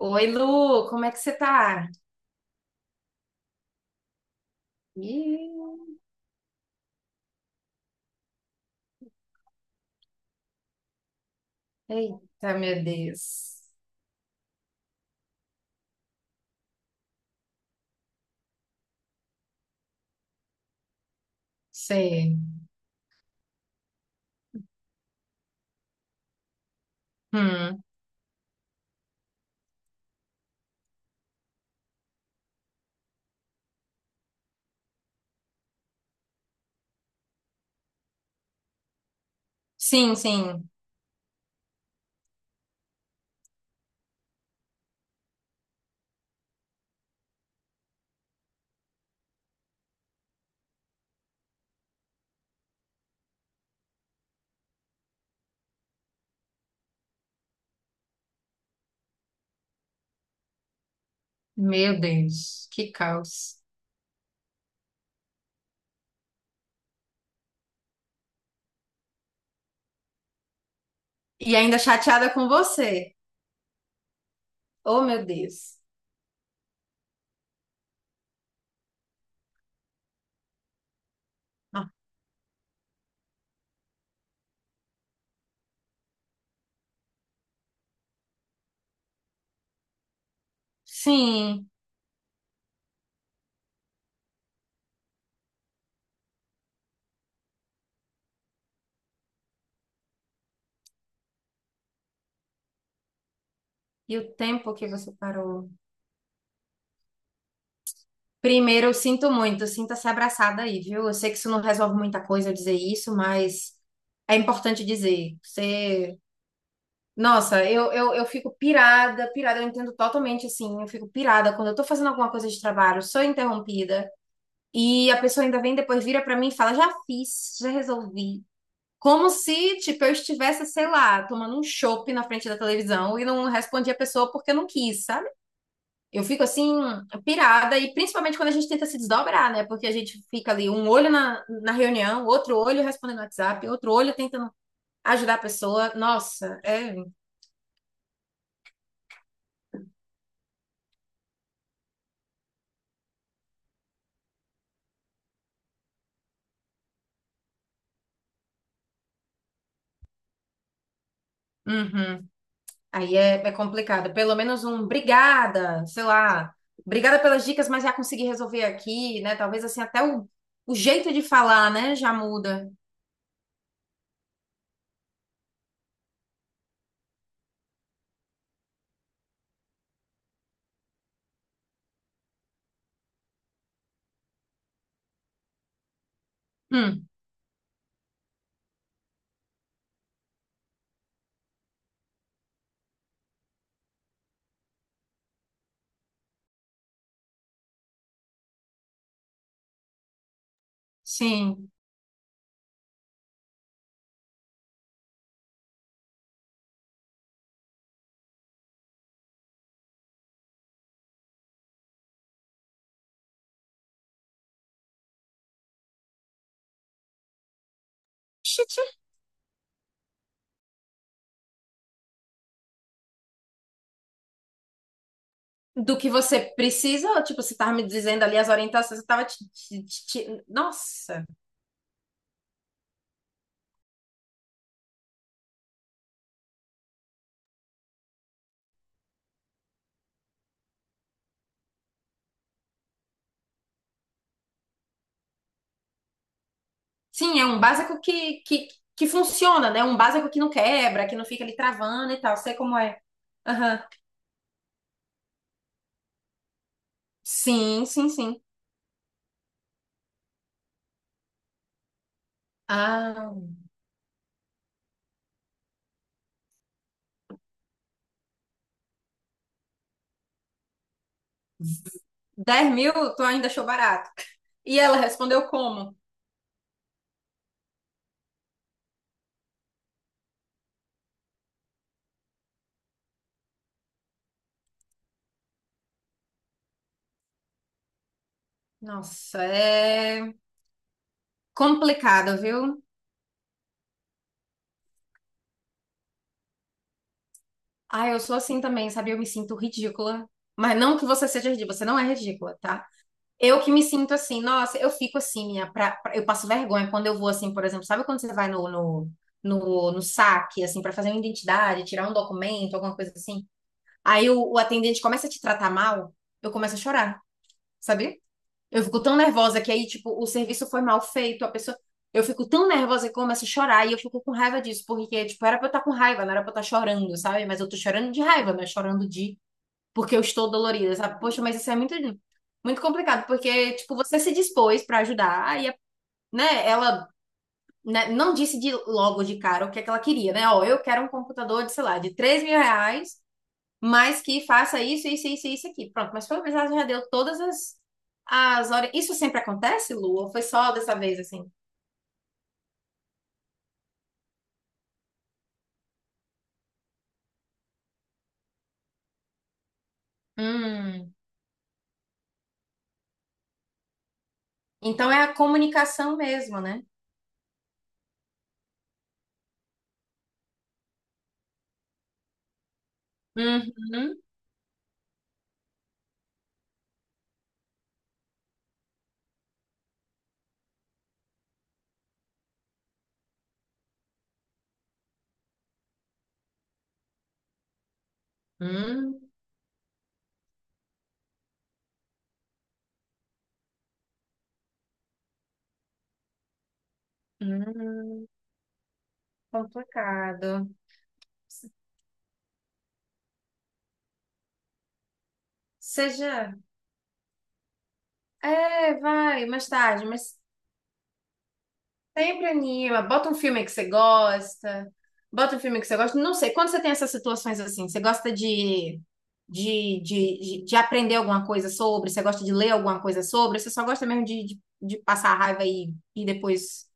Oi, Lu, como é que você tá? Ih. Eita, meu Deus. Sei. Hum. Sim, sim. Meu Deus, que caos. E ainda chateada com você. Oh, meu Deus. Ah. Sim. E o tempo que você parou? Primeiro, eu sinto muito, sinta-se abraçada aí, viu? Eu sei que isso não resolve muita coisa eu dizer isso, mas é importante dizer. Você. Nossa, eu fico pirada, pirada, eu entendo totalmente assim, eu fico pirada quando eu tô fazendo alguma coisa de trabalho, sou interrompida, e a pessoa ainda vem depois vira pra mim e fala, já fiz, já resolvi. Como se, tipo, eu estivesse, sei lá, tomando um chopp na frente da televisão e não respondi a pessoa porque eu não quis, sabe? Eu fico assim, pirada, e principalmente quando a gente tenta se desdobrar, né? Porque a gente fica ali, um olho na reunião, outro olho respondendo no WhatsApp, outro olho tentando ajudar a pessoa. Nossa, é. Uhum. Aí é complicado. Pelo menos um obrigada, sei lá. Obrigada pelas dicas, mas já consegui resolver aqui, né? Talvez assim até o jeito de falar, né, já muda. Hum, sim. Xixi. Do que você precisa, ou, tipo, você tava me dizendo ali as orientações, você tava Nossa. Sim, é um básico que funciona, né? Um básico que não quebra, que não fica ali travando e tal. Sei como é. Aham. Sim, sim, sim. Ah. 10 mil, tu ainda achou barato. E ela respondeu como? Nossa, é complicado, viu? Ah, eu sou assim também, sabe? Eu me sinto ridícula. Mas não que você seja ridícula, você não é ridícula, tá? Eu que me sinto assim, nossa, eu fico assim, minha, eu passo vergonha quando eu vou assim, por exemplo, sabe quando você vai no saque, assim, pra fazer uma identidade, tirar um documento, alguma coisa assim? Aí o atendente começa a te tratar mal, eu começo a chorar, sabe? Eu fico tão nervosa que aí, tipo, o serviço foi mal feito, a pessoa. Eu fico tão nervosa que eu começo a chorar e eu fico com raiva disso, porque, tipo, era pra eu estar com raiva, não era pra eu estar chorando, sabe? Mas eu tô chorando de raiva, não é chorando de. Porque eu estou dolorida, sabe? Poxa, mas isso é muito, muito complicado, porque, tipo, você se dispôs pra ajudar e, né, ela. Né, não disse de logo de cara o que é que ela queria, né? Ó, eu quero um computador de, sei lá, de R$ 3.000 mas que faça isso, isso, isso, isso aqui. Pronto, mas pelo menos ela já deu todas as horas. Isso sempre acontece, Lu? Ou foi só dessa vez assim? Hum. Então é a comunicação mesmo, né? Uhum. Hum. Hum. Complicado. Seja. É, vai, mais tarde, mas. Sempre anima. Bota um filme que você gosta. Bota um filme que você gosta. Não sei, quando você tem essas situações assim, você gosta de aprender alguma coisa sobre? Você gosta de ler alguma coisa sobre? Você só gosta mesmo de passar a raiva e depois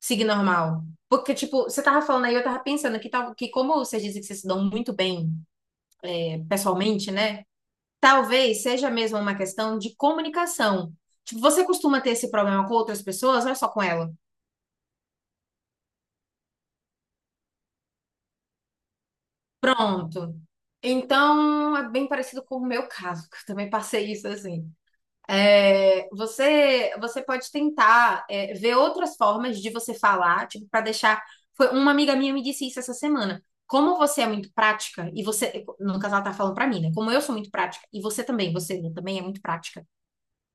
seguir normal? Porque, tipo, você tava falando aí, eu tava pensando que, tal, que como vocês dizem que vocês se dão muito bem pessoalmente, né? Talvez seja mesmo uma questão de comunicação. Tipo, você costuma ter esse problema com outras pessoas, ou é só com ela? Pronto. Então, é bem parecido com o meu caso, que eu também passei isso assim. É, você pode tentar, ver outras formas de você falar, tipo, para deixar. Foi uma amiga minha me disse isso essa semana. Como você é muito prática, e você, no caso, ela tá falando pra mim, né? Como eu sou muito prática, e você também, você né, também é muito prática.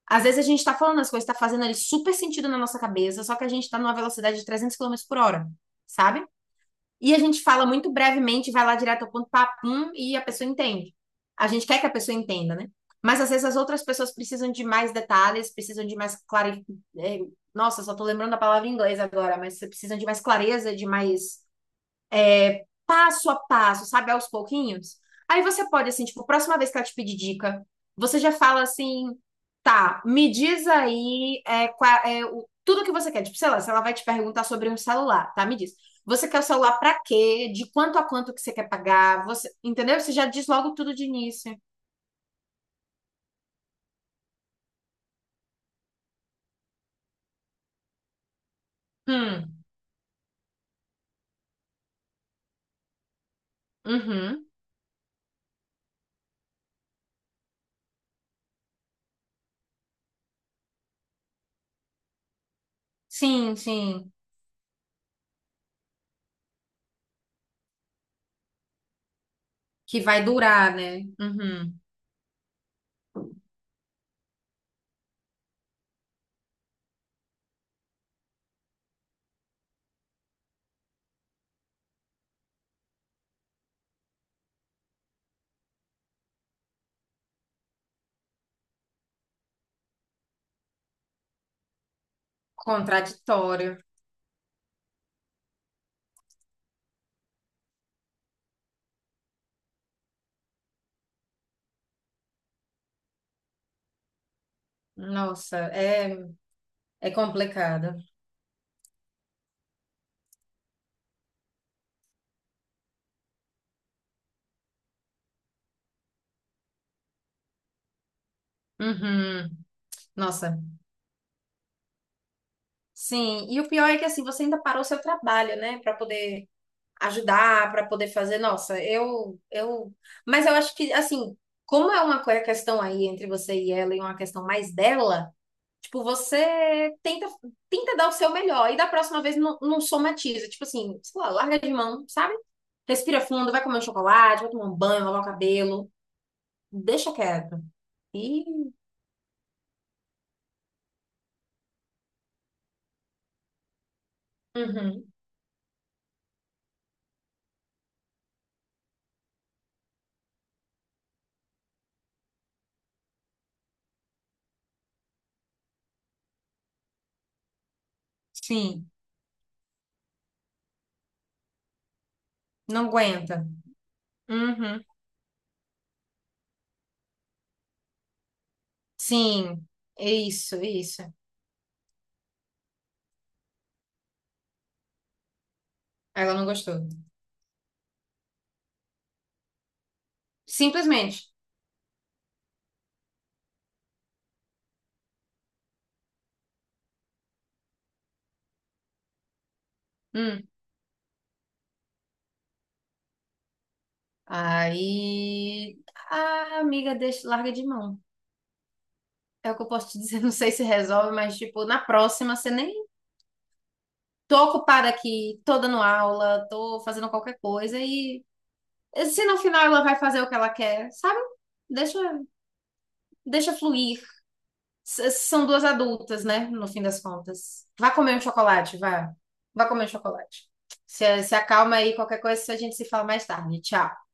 Às vezes a gente tá falando as coisas, tá fazendo ali super sentido na nossa cabeça, só que a gente tá numa velocidade de 300 quilômetros por hora, sabe? E a gente fala muito brevemente, vai lá direto ao ponto, papum, e a pessoa entende. A gente quer que a pessoa entenda, né? Mas às vezes as outras pessoas precisam de mais detalhes, precisam de mais clareza. Nossa, só tô lembrando a palavra em inglês agora, mas precisam de mais clareza, de mais passo a passo, sabe, aos pouquinhos. Aí você pode, assim, tipo, próxima vez que ela te pedir dica, você já fala assim, tá, me diz aí tudo que você quer. Tipo, sei lá, se ela vai te perguntar sobre um celular, tá? Me diz. Você quer o celular pra quê? De quanto a quanto que você quer pagar? Você, entendeu? Você já diz logo tudo de início. Hum, uhum. Sim, sim. Que vai durar, né? Uhum. Contraditório. Nossa, é complicado. Uhum. Nossa. Sim, e o pior é que assim, você ainda parou o seu trabalho, né, para poder ajudar, para poder fazer. Nossa, eu, mas eu acho que assim, como é uma questão aí entre você e ela e uma questão mais dela, tipo, você tenta dar o seu melhor e da próxima vez não, não somatiza, tipo assim, sei lá, larga de mão, sabe? Respira fundo, vai comer um chocolate, vai tomar um banho, lavar o cabelo, deixa quieto. E uhum, sim, não aguenta. Uhum, sim. É isso, é isso. Aí ela não gostou. Simplesmente. Hum. Aí a amiga deixa, larga de mão. É o que eu posso te dizer. Não sei se resolve, mas tipo, na próxima você nem tô ocupada aqui, tô dando aula, tô fazendo qualquer coisa e se no final ela vai fazer o que ela quer, sabe? Deixa, deixa fluir. São duas adultas, né? No fim das contas. Vá comer um chocolate, vá. Vá comer um chocolate. Se acalma aí, qualquer coisa a gente se fala mais tarde. Tchau.